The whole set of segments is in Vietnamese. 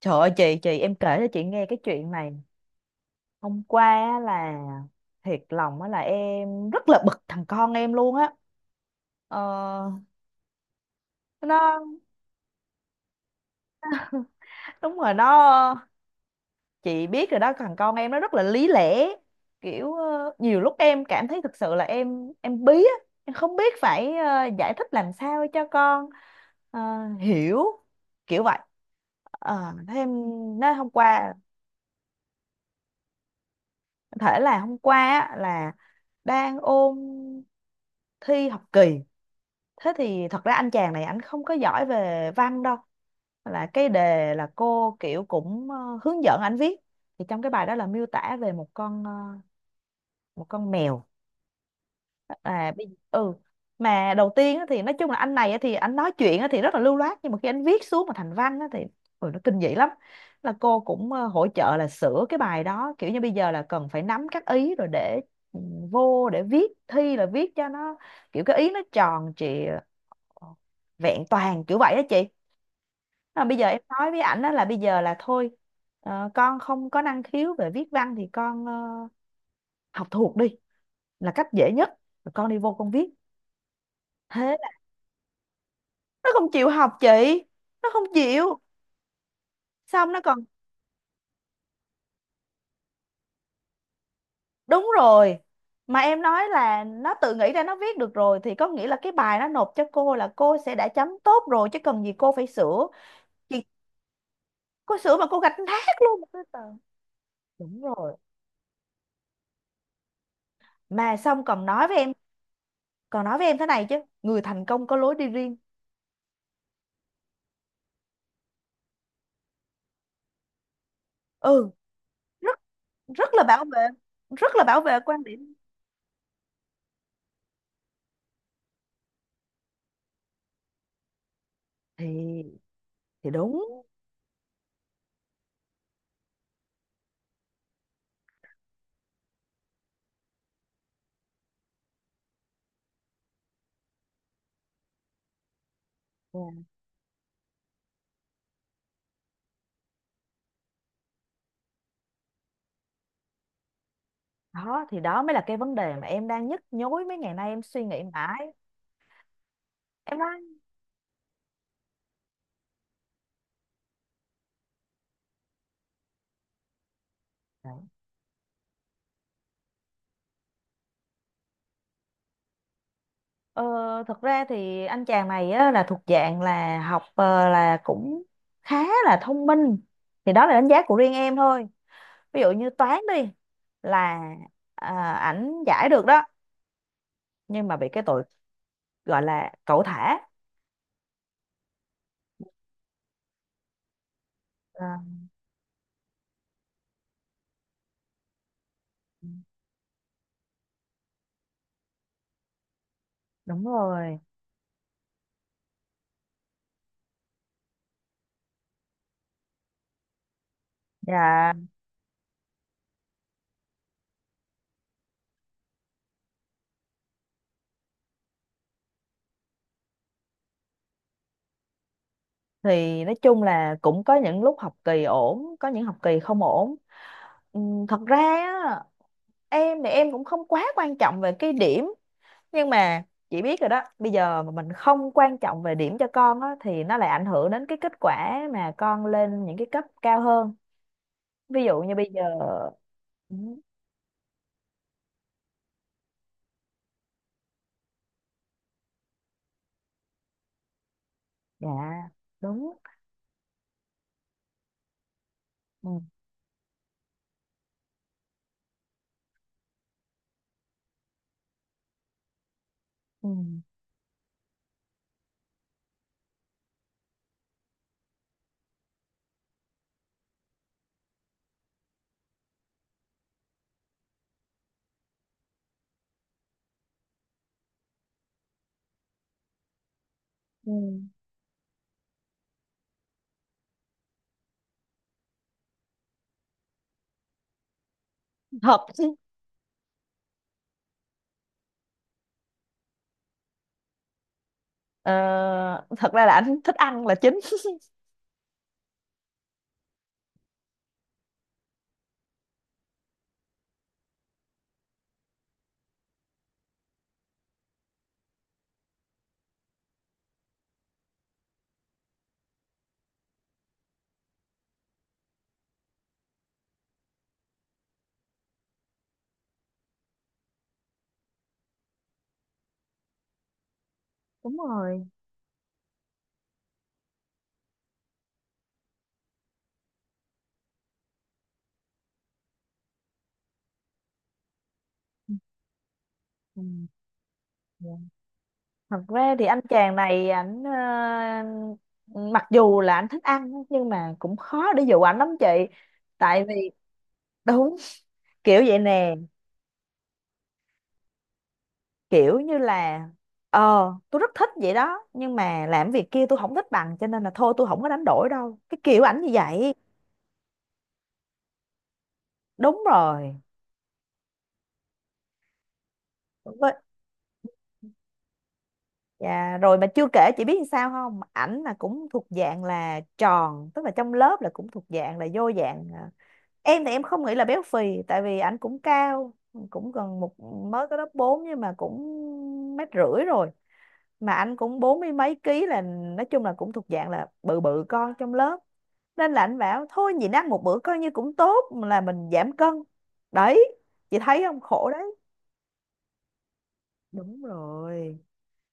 Trời ơi, chị em kể cho chị nghe cái chuyện này hôm qua á là thiệt lòng á là em rất là bực thằng con em luôn á. ờ, nó đúng rồi. Nó, chị biết rồi đó, thằng con em nó rất là lý lẽ. Kiểu nhiều lúc em cảm thấy thực sự là em bí á. Em không biết phải giải thích làm sao cho con ờ, hiểu, kiểu vậy. Thế em nói hôm qua có thể là hôm qua á là đang ôn thi học kỳ. Thế thì thật ra anh chàng này anh không có giỏi về văn đâu, là cái đề là cô kiểu cũng hướng dẫn anh viết. Thì trong cái bài đó là miêu tả về một con mèo. à bây- ừ mà đầu tiên á thì nói chung là anh này á thì anh nói chuyện á thì rất là lưu loát, nhưng mà khi anh viết xuống mà thành văn á thì ôi, nó kinh dị lắm. Là cô cũng hỗ trợ là sửa cái bài đó, kiểu như bây giờ là cần phải nắm các ý rồi để ừ, vô để viết thi là viết cho nó kiểu cái ý nó tròn trịa, Ờ, vẹn toàn, kiểu vậy đó chị. Mà bây giờ em nói với ảnh đó là bây giờ là thôi, con không có năng khiếu về viết văn thì con học thuộc đi là cách dễ nhất, rồi con đi vô con viết. Thế là nó không chịu học chị, nó không chịu. Xong nó còn đúng rồi. Mà em nói là nó tự nghĩ ra nó viết được rồi thì có nghĩa là cái bài nó nộp cho cô là cô sẽ đã chấm tốt rồi chứ cần gì cô phải sửa chị. Cô sửa mà cô gạch nát luôn. Tôi tưởng, đúng rồi. Mà xong còn nói với em thế này chứ người thành công có lối đi riêng. Ừ, rất rất là bảo vệ, quan điểm. thì thì đúng. Dạ. Đó thì đó mới là cái vấn đề mà em đang nhức nhối, mấy ngày nay em suy nghĩ mãi. Em nói ờ, thật ra thì anh chàng này á, là thuộc dạng là học là cũng khá là thông minh, thì đó là đánh giá của riêng em thôi. Ví dụ như toán đi, là ảnh giải được đó, nhưng mà bị cái tội gọi là cẩu thả. Ờ. Đúng rồi. Dạ, thì nói chung là cũng có những lúc học kỳ ổn, có những học kỳ không ổn. Thật ra á, em thì em cũng không quá quan trọng về cái điểm, nhưng mà chị biết rồi đó, bây giờ mà mình không quan trọng về điểm cho con á thì nó lại ảnh hưởng đến cái kết quả mà con lên những cái cấp cao hơn. Ví dụ như bây giờ. Ừ, dạ đúng. Ừ. Ừ. Ừ. Thật. ờ, Thật ra là anh thích ăn là chính. Đúng rồi. Ừ. Thật ra thì anh chàng này ảnh ờ, mặc dù là anh thích ăn nhưng mà cũng khó để dụ ảnh lắm chị. Tại vì đúng, kiểu vậy nè, kiểu như là tôi rất thích vậy đó, nhưng mà làm việc kia tôi không thích bằng, cho nên là thôi tôi không có đánh đổi đâu, cái kiểu ảnh như vậy. Đúng rồi. Với- Dạ, rồi mà chưa kể chị biết sao không? Ảnh là cũng thuộc dạng là tròn, tức là trong lớp là cũng thuộc dạng là vô dạng. Em thì em không nghĩ là béo phì tại vì ảnh cũng cao, cũng gần một, mới có lớp 4 nhưng mà cũng mét rưỡi rồi. Mà anh cũng bốn mươi mấy ký, là nói chung là cũng thuộc dạng là bự bự con trong lớp. Nên là anh bảo thôi nhịn ăn một bữa coi như cũng tốt, là mình giảm cân. Đấy, chị thấy không? Khổ đấy. Đúng rồi.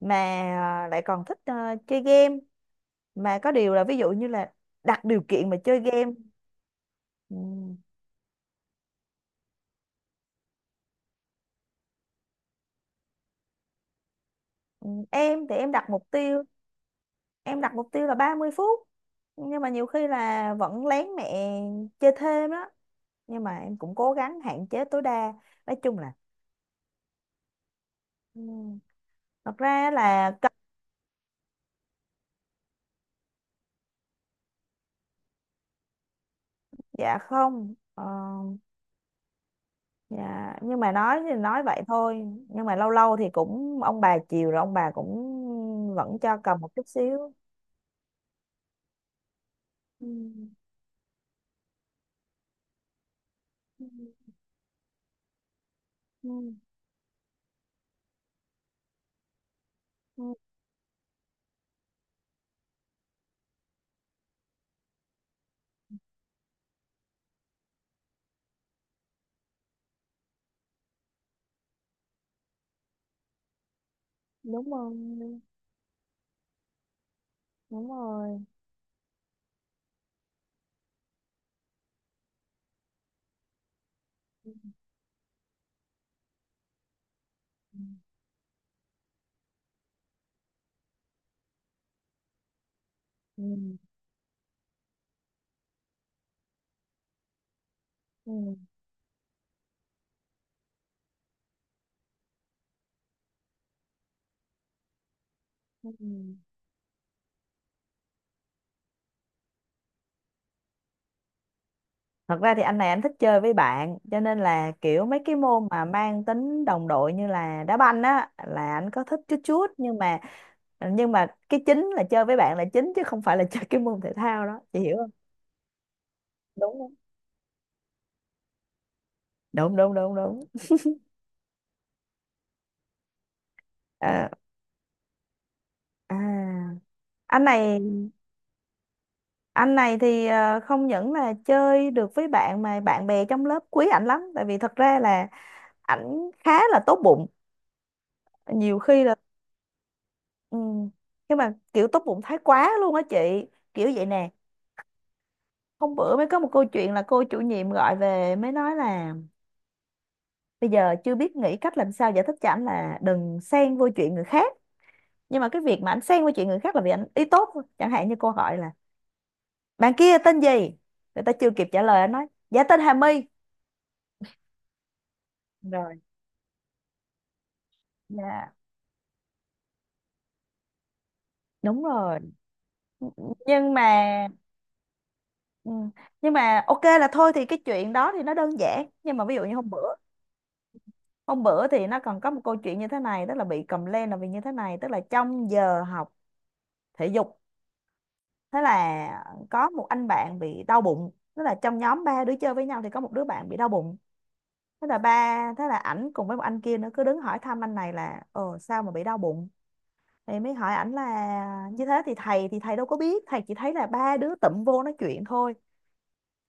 Mà lại còn thích chơi game, mà có điều là ví dụ như là đặt điều kiện mà chơi game. Ừ. ừ, em thì em đặt mục tiêu là 30 phút. Nhưng mà nhiều khi là vẫn lén mẹ chơi thêm đó, nhưng mà em cũng cố gắng hạn chế tối đa, nói chung là. ừ, Thật ra là dạ không. Ờ, dạ nhưng mà nói thì nói vậy thôi, nhưng mà lâu lâu thì cũng ông bà chiều rồi, ông bà cũng vẫn cho cầm một chút xíu. Ừ. Ừ. Ừ. Ừ. Đúng rồi, đúng rồi. Ừ. Ừ. Ừ. Ừ. Thật ra thì anh này anh thích chơi với bạn, cho nên là kiểu mấy cái môn mà mang tính đồng đội như là đá banh á là anh có thích chút chút. Nhưng mà cái chính là chơi với bạn là chính chứ không phải là chơi cái môn thể thao đó, chị hiểu không? Đúng không? Đúng đúng đúng đúng. Ờ, à, anh này anh này thì không những là chơi được với bạn mà bạn bè trong lớp quý ảnh lắm, tại vì thật ra là ảnh khá là tốt bụng. Nhiều khi là. Ừ. Nhưng mà kiểu tốt bụng thái quá luôn á chị, kiểu vậy nè. Hôm bữa mới có một câu chuyện là cô chủ nhiệm gọi về mới nói là bây giờ chưa biết nghĩ cách làm sao giải thích cho ảnh là đừng xen vô chuyện người khác. Nhưng mà cái việc mà ảnh xen vô chuyện người khác là vì ảnh ý tốt thôi. Chẳng hạn như cô hỏi là bạn kia tên gì, người ta chưa kịp trả lời anh nói dạ tên Hà My. Rồi. Dạ đúng rồi. Nhưng mà. ừ, nhưng mà ok là thôi thì cái chuyện đó thì nó đơn giản, nhưng mà ví dụ như hôm bữa thì nó còn có một câu chuyện như thế này. Tức là bị complain là vì như thế này, tức là trong giờ học thể dục, thế là có một anh bạn bị đau bụng, tức là trong nhóm ba đứa chơi với nhau thì có một đứa bạn bị đau bụng. Thế là ảnh cùng với một anh kia nữa cứ đứng hỏi thăm anh này là sao mà bị đau bụng. Thì mới hỏi ảnh là như thế, thì thầy đâu có biết, thầy chỉ thấy là ba đứa tụm vô nói chuyện thôi.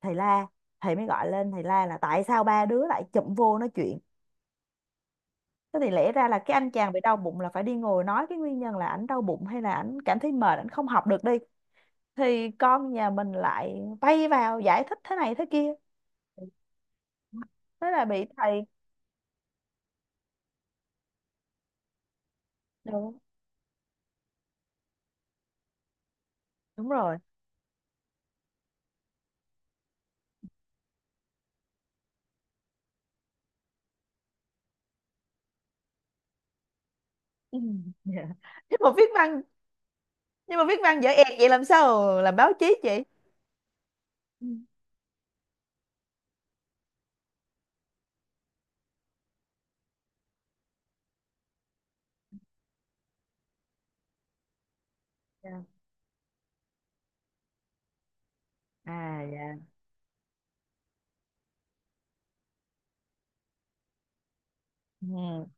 Thầy la, thầy mới gọi lên, thầy la là tại sao ba đứa lại chụm vô nói chuyện. Thế thì lẽ ra là cái anh chàng bị đau bụng là phải đi ngồi nói cái nguyên nhân là ảnh đau bụng, hay là ảnh cảm thấy mệt, ảnh không học được đi, thì con nhà mình lại bay vào giải thích thế này thế kia, thế là bị thầy. Đúng, đúng rồi. Ừ, dạ. nhưng mà viết văn nhưng mà viết văn dở ẹt vậy làm sao làm báo chí chị. Ừ, dạ. Dạ. Ừ.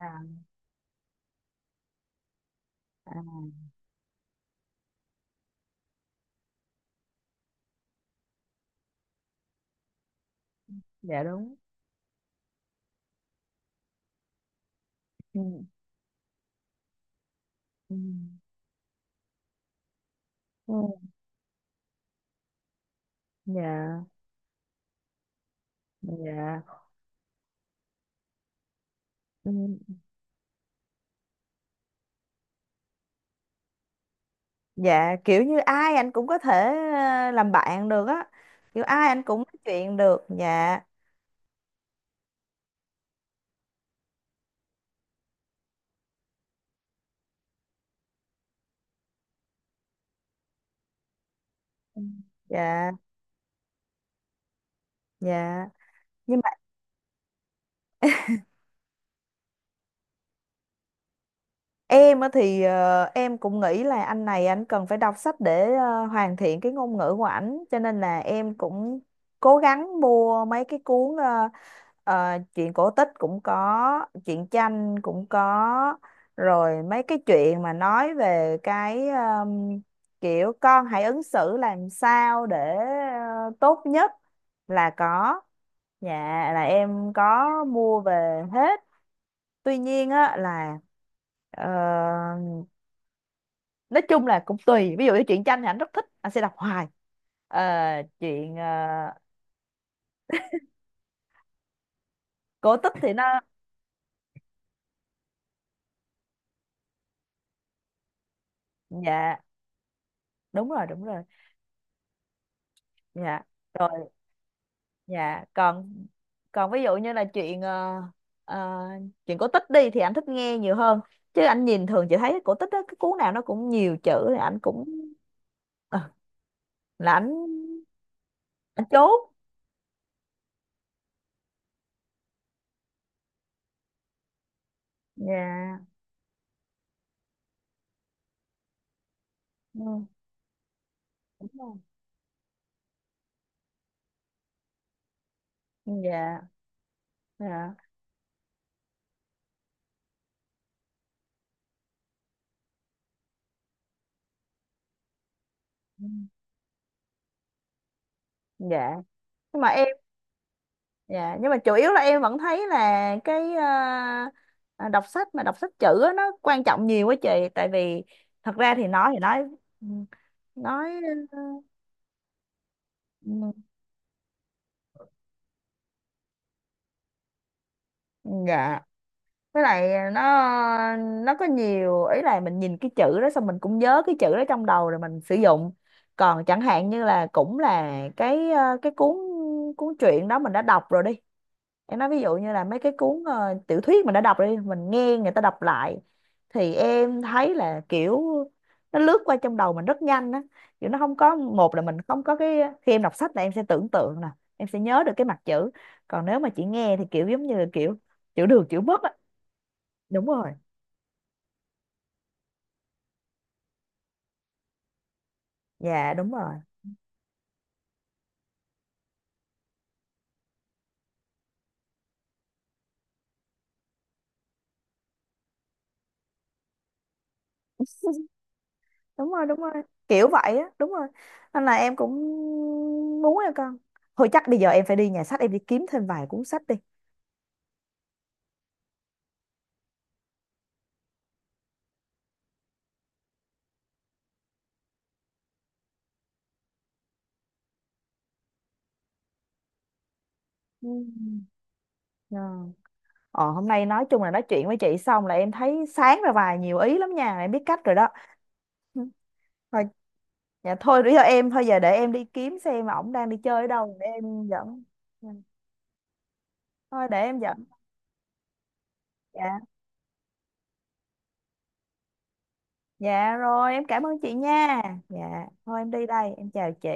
à, à dạ đúng. Ừ. Ừ. Ừ. Dạ, dạ. Ừ. Dạ, kiểu như ai anh cũng có thể làm bạn được á, kiểu ai anh cũng nói chuyện được. Dạ. Ừ. Dạ, dạ. Nhưng. Em á thì em cũng nghĩ là anh này anh cần phải đọc sách để hoàn thiện cái ngôn ngữ của ảnh, cho nên là em cũng cố gắng mua mấy cái cuốn, truyện cổ tích cũng có, truyện tranh cũng có, rồi mấy cái chuyện mà nói về cái kiểu con hãy ứng xử làm sao để tốt nhất, là có. Dạ, là em có mua về hết. Tuy nhiên á là ờ, nói chung là cũng tùy, ví dụ như truyện tranh thì anh rất thích anh sẽ đọc hoài. Ờ, Chuyện cổ tích thì nó. Dạ đúng rồi, đúng rồi. Dạ. Rồi. Dạ. Còn, còn ví dụ như là chuyện ờ, chuyện cổ tích đi thì anh thích nghe nhiều hơn, chứ anh nhìn thường chỉ thấy cổ tích đó cái cuốn nào nó cũng nhiều chữ thì anh cũng ờ, là anh chốt. Dạ. ừ, Đúng rồi. Dạ, dạ. ừ, dạ nhưng mà em. Dạ, nhưng mà chủ yếu là em vẫn thấy là cái đọc sách, mà đọc sách chữ á, nó quan trọng nhiều quá chị. Tại vì thật ra thì nói, ừ, nói. ừ, ừ, dạ, với lại nó có nhiều ý là mình nhìn cái chữ đó xong mình cũng nhớ cái chữ đó trong đầu rồi mình sử dụng. Còn chẳng hạn như là cũng là cái cái cuốn cuốn truyện đó mình đã đọc rồi đi, em nói ví dụ như là mấy cái cuốn tiểu thuyết mình đã đọc đi, mình nghe người ta đọc lại thì em thấy là kiểu nó lướt qua trong đầu mình rất nhanh á. Kiểu nó không có, một là mình không có cái, khi em đọc sách là em sẽ tưởng tượng nè, em sẽ nhớ được cái mặt chữ. Còn nếu mà chị nghe thì kiểu giống như là kiểu chữ được chữ mất á. Đúng rồi. Dạ đúng rồi. Đúng rồi, đúng rồi, kiểu vậy á, đúng rồi. Nên là em cũng muốn em con, thôi chắc bây giờ em phải đi nhà sách em đi kiếm thêm vài cuốn sách đi. Ừ. Hôm nay nói chung là nói chuyện với chị xong là em thấy sáng ra vài nhiều ý lắm nha, em biết cách rồi đó. Ừ. Thôi. Dạ, thôi bây giờ em, thôi giờ để em đi kiếm xem ổng đang đi chơi ở đâu, để em dẫn. Dạ. Thôi để em dẫn. Dạ, dạ rồi, em cảm ơn chị nha. Dạ, thôi em đi đây, em chào chị.